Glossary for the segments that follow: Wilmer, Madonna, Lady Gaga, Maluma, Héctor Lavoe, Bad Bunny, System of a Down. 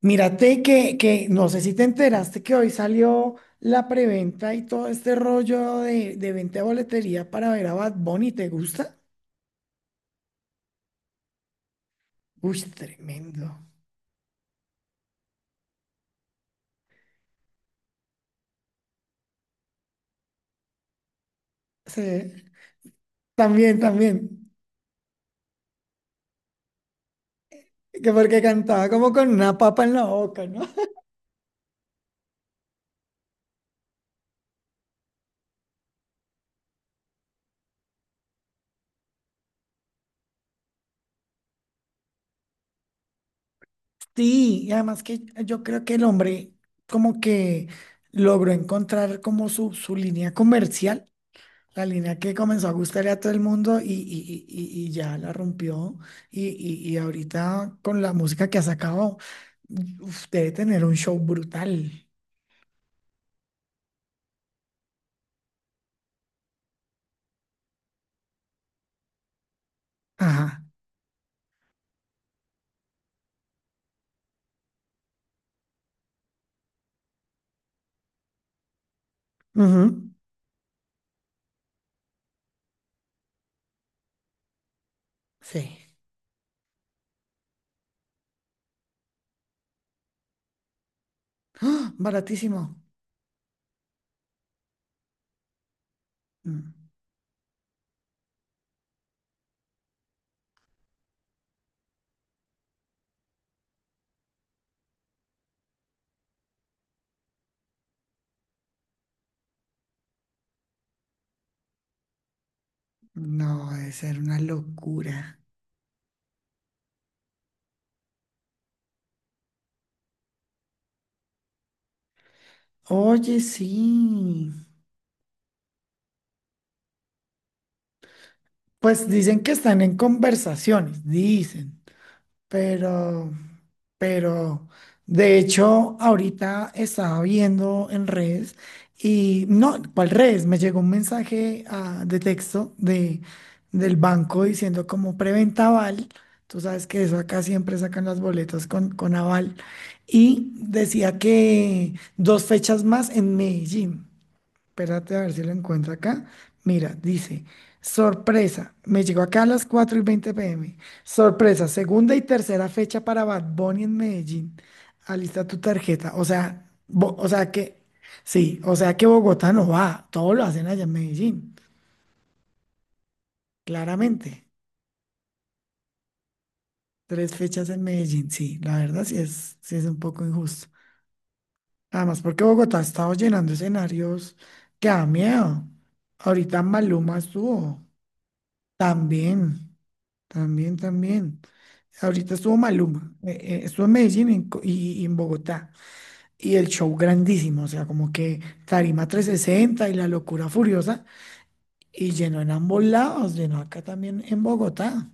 Mírate que no sé si te enteraste que hoy salió la preventa y todo este rollo de venta de boletería para ver a Bad Bunny. ¿Te gusta? Uy, tremendo. Sí, también, también. Que porque cantaba como con una papa en la boca, ¿no? Sí, y además que yo creo que el hombre como que logró encontrar como su línea comercial. La línea que comenzó a gustarle a todo el mundo y ya la rompió. Y ahorita con la música que ha sacado, uf, debe tener un show brutal. Ajá. Ujú, sí. ¡Ah! Baratísimo. Mm, no, debe ser una locura. Oye, sí. Pues dicen que están en conversaciones, dicen. Pero, pero, de hecho, ahorita estaba viendo en redes y no, ¿cuál redes? Me llegó un mensaje de texto del banco diciendo como preventa aval. Tú sabes que eso acá siempre sacan las boletas con aval. Y decía que dos fechas más en Medellín. Espérate a ver si lo encuentro acá. Mira, dice, sorpresa, me llegó acá a las cuatro y 20 pm. Sorpresa, segunda y tercera fecha para Bad Bunny en Medellín. Alista tu tarjeta. O sea, o sea que, sí, o sea que Bogotá no va, todo lo hacen allá en Medellín, claramente. Tres fechas en Medellín, sí, la verdad sí es un poco injusto. Además, porque Bogotá ha estado llenando escenarios que da miedo. Ahorita Maluma estuvo también. También, también. Ahorita estuvo Maluma, estuvo en Medellín en y en Bogotá. Y el show grandísimo, o sea, como que tarima 360 y la locura furiosa. Y llenó en ambos lados, llenó acá también en Bogotá.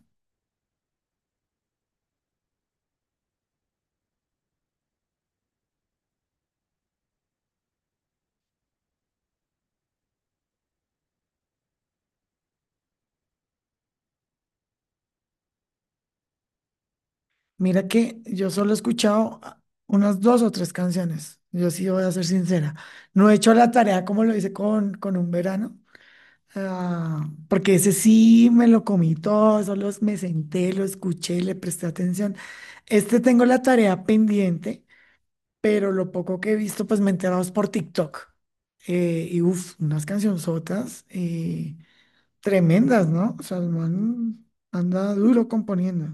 Mira que yo solo he escuchado unas dos o tres canciones. Yo sí voy a ser sincera. No he hecho la tarea como lo hice con un verano. Ah, porque ese sí me lo comí todo, solo me senté, lo escuché, le presté atención. Este tengo la tarea pendiente, pero lo poco que he visto, pues me he enterado es por TikTok. Y uff, unas cancionzotas tremendas, ¿no? O sea, el man anda duro componiendo.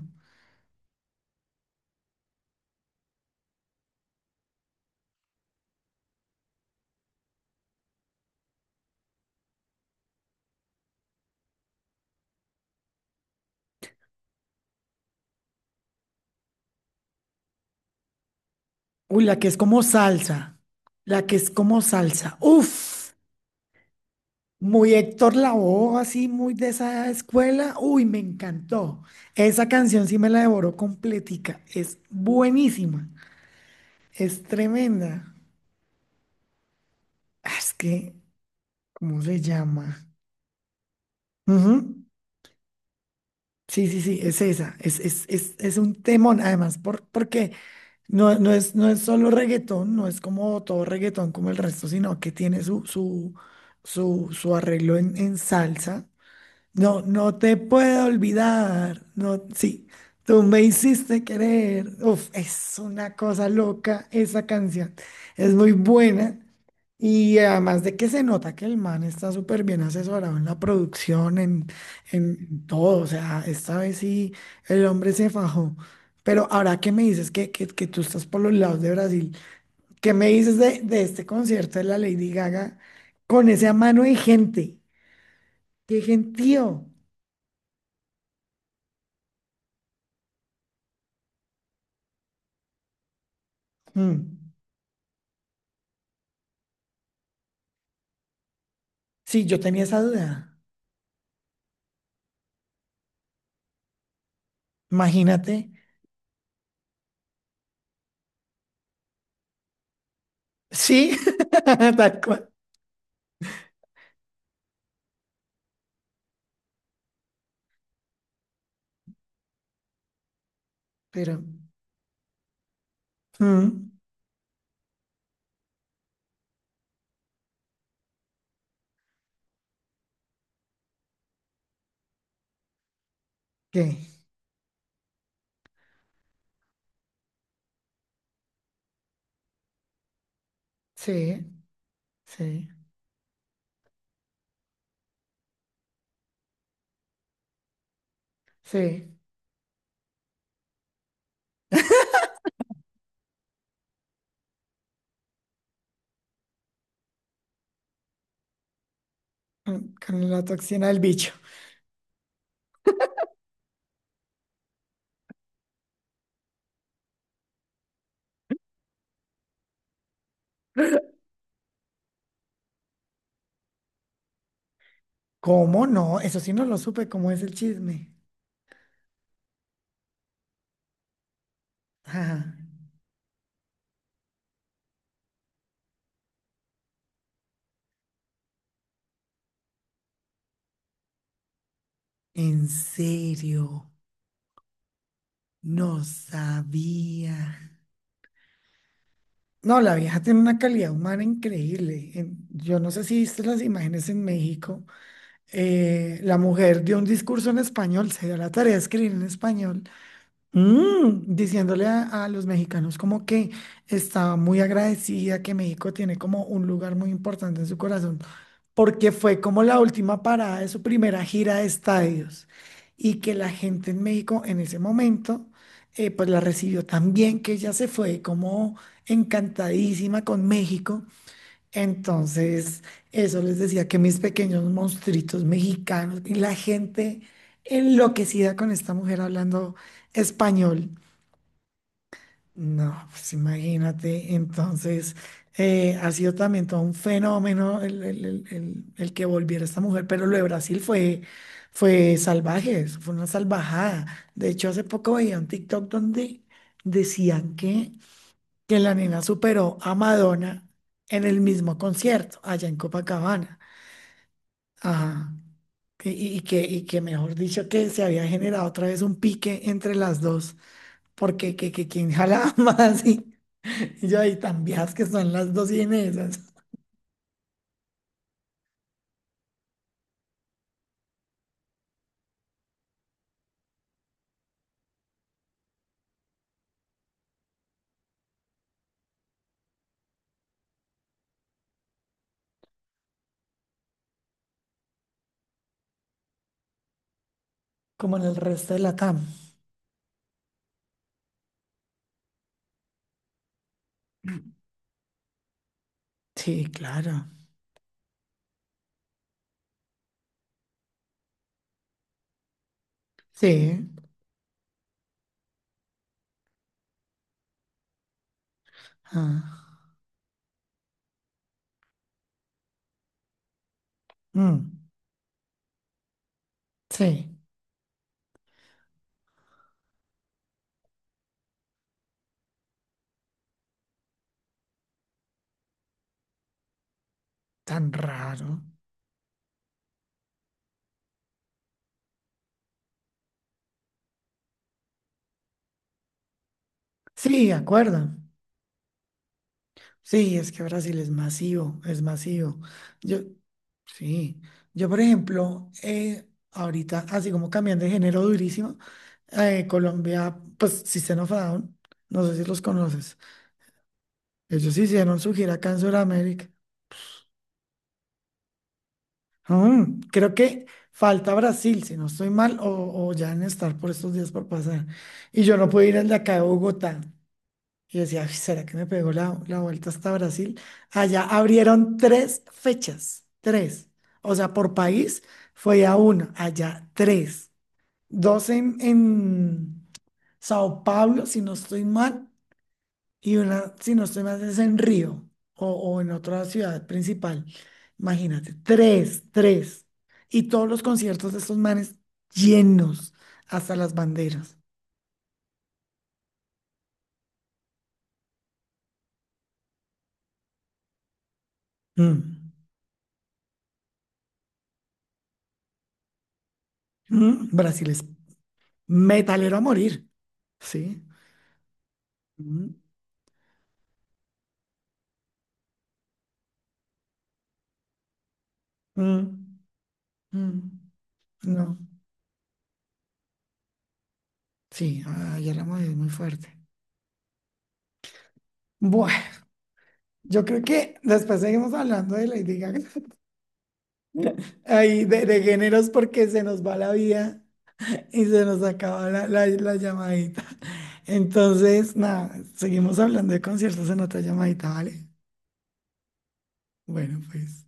Uy, la que es como salsa, la que es como salsa. Uff. Muy Héctor Lavoe, así muy de esa escuela. Uy, me encantó. Esa canción sí me la devoró completica. Es buenísima. Es tremenda. Ah, es que, ¿cómo se llama? Ujú. Sí, sí, sí, es esa. Es un temón, además, porque no, no es solo reggaetón, no es como todo reggaetón como el resto, sino que tiene su, arreglo en salsa. No, no te puedo olvidar. No, sí, tú me hiciste querer. Uf, es una cosa loca esa canción. Es muy buena. Y además de que se nota que el man está súper bien asesorado en la producción, en todo. O sea, esta vez sí el hombre se fajó. Pero ahora que me dices que, que tú estás por los lados de Brasil, ¿qué me dices de este concierto de la Lady Gaga con esa mano de gente? ¡Qué gentío! Mm. Sí, yo tenía esa duda. Imagínate. Sí, tal cual. Pero, mm, ¿qué? Sí, sí, sí. Mm, con la toxina del bicho. ¿Cómo no? Eso sí no lo supe. ¿Cómo es el chisme? Ajá. En serio. No sabía. No, la vieja tiene una calidad humana increíble. Yo no sé si viste las imágenes en México. La mujer dio un discurso en español, se dio la tarea de escribir en español. Diciéndole a los mexicanos como que estaba muy agradecida, que México tiene como un lugar muy importante en su corazón, porque fue como la última parada de su primera gira de estadios y que la gente en México en ese momento pues la recibió tan bien que ella se fue como encantadísima con México. Entonces, eso les decía que mis pequeños monstruitos mexicanos y la gente enloquecida con esta mujer hablando español. No, pues imagínate. Entonces, ha sido también todo un fenómeno el que volviera esta mujer, pero lo de Brasil fue salvaje, eso fue una salvajada. De hecho, hace poco veía un TikTok donde decían que la nena superó a Madonna en el mismo concierto, allá en Copacabana. Ajá. Y que mejor dicho, que se había generado otra vez un pique entre las dos, porque que quién jalaba más y yo ahí tan viejas que son las dos Inesas, como en el resto de la TAM. Sí, claro. Sí. Ah, mm, sí, tan raro. Sí, de acuerdo. Sí, es que Brasil es masivo, es masivo. Yo, sí, yo por ejemplo, ahorita así como cambiando de género durísimo, Colombia, pues System of a Down, no sé si los conoces, ellos hicieron su gira acá en Sudamérica. Ah, creo que falta Brasil, si no estoy mal, o ya en estar por estos días por pasar. Y yo no pude ir al de acá de Bogotá. Y decía, "Ay, ¿será que me pegó la vuelta hasta Brasil? Allá abrieron tres fechas, tres. O sea, por país fue a una, allá tres. Dos en Sao Paulo, si no estoy mal, y una, si no estoy mal, es en Río o en otra ciudad principal. Imagínate, tres, tres. Y todos los conciertos de estos manes llenos hasta las banderas. Mm. Mm. Brasil es metalero a morir, ¿sí? Mm. Mm. Mm. No, sí, ah, ya la moví muy fuerte. Bueno, yo creo que después seguimos hablando de Lady Gaga. Ahí de géneros porque se nos va la vida y se nos acaba la, la llamadita. Entonces, nada, seguimos hablando de conciertos en otra llamadita, ¿vale? Bueno, pues.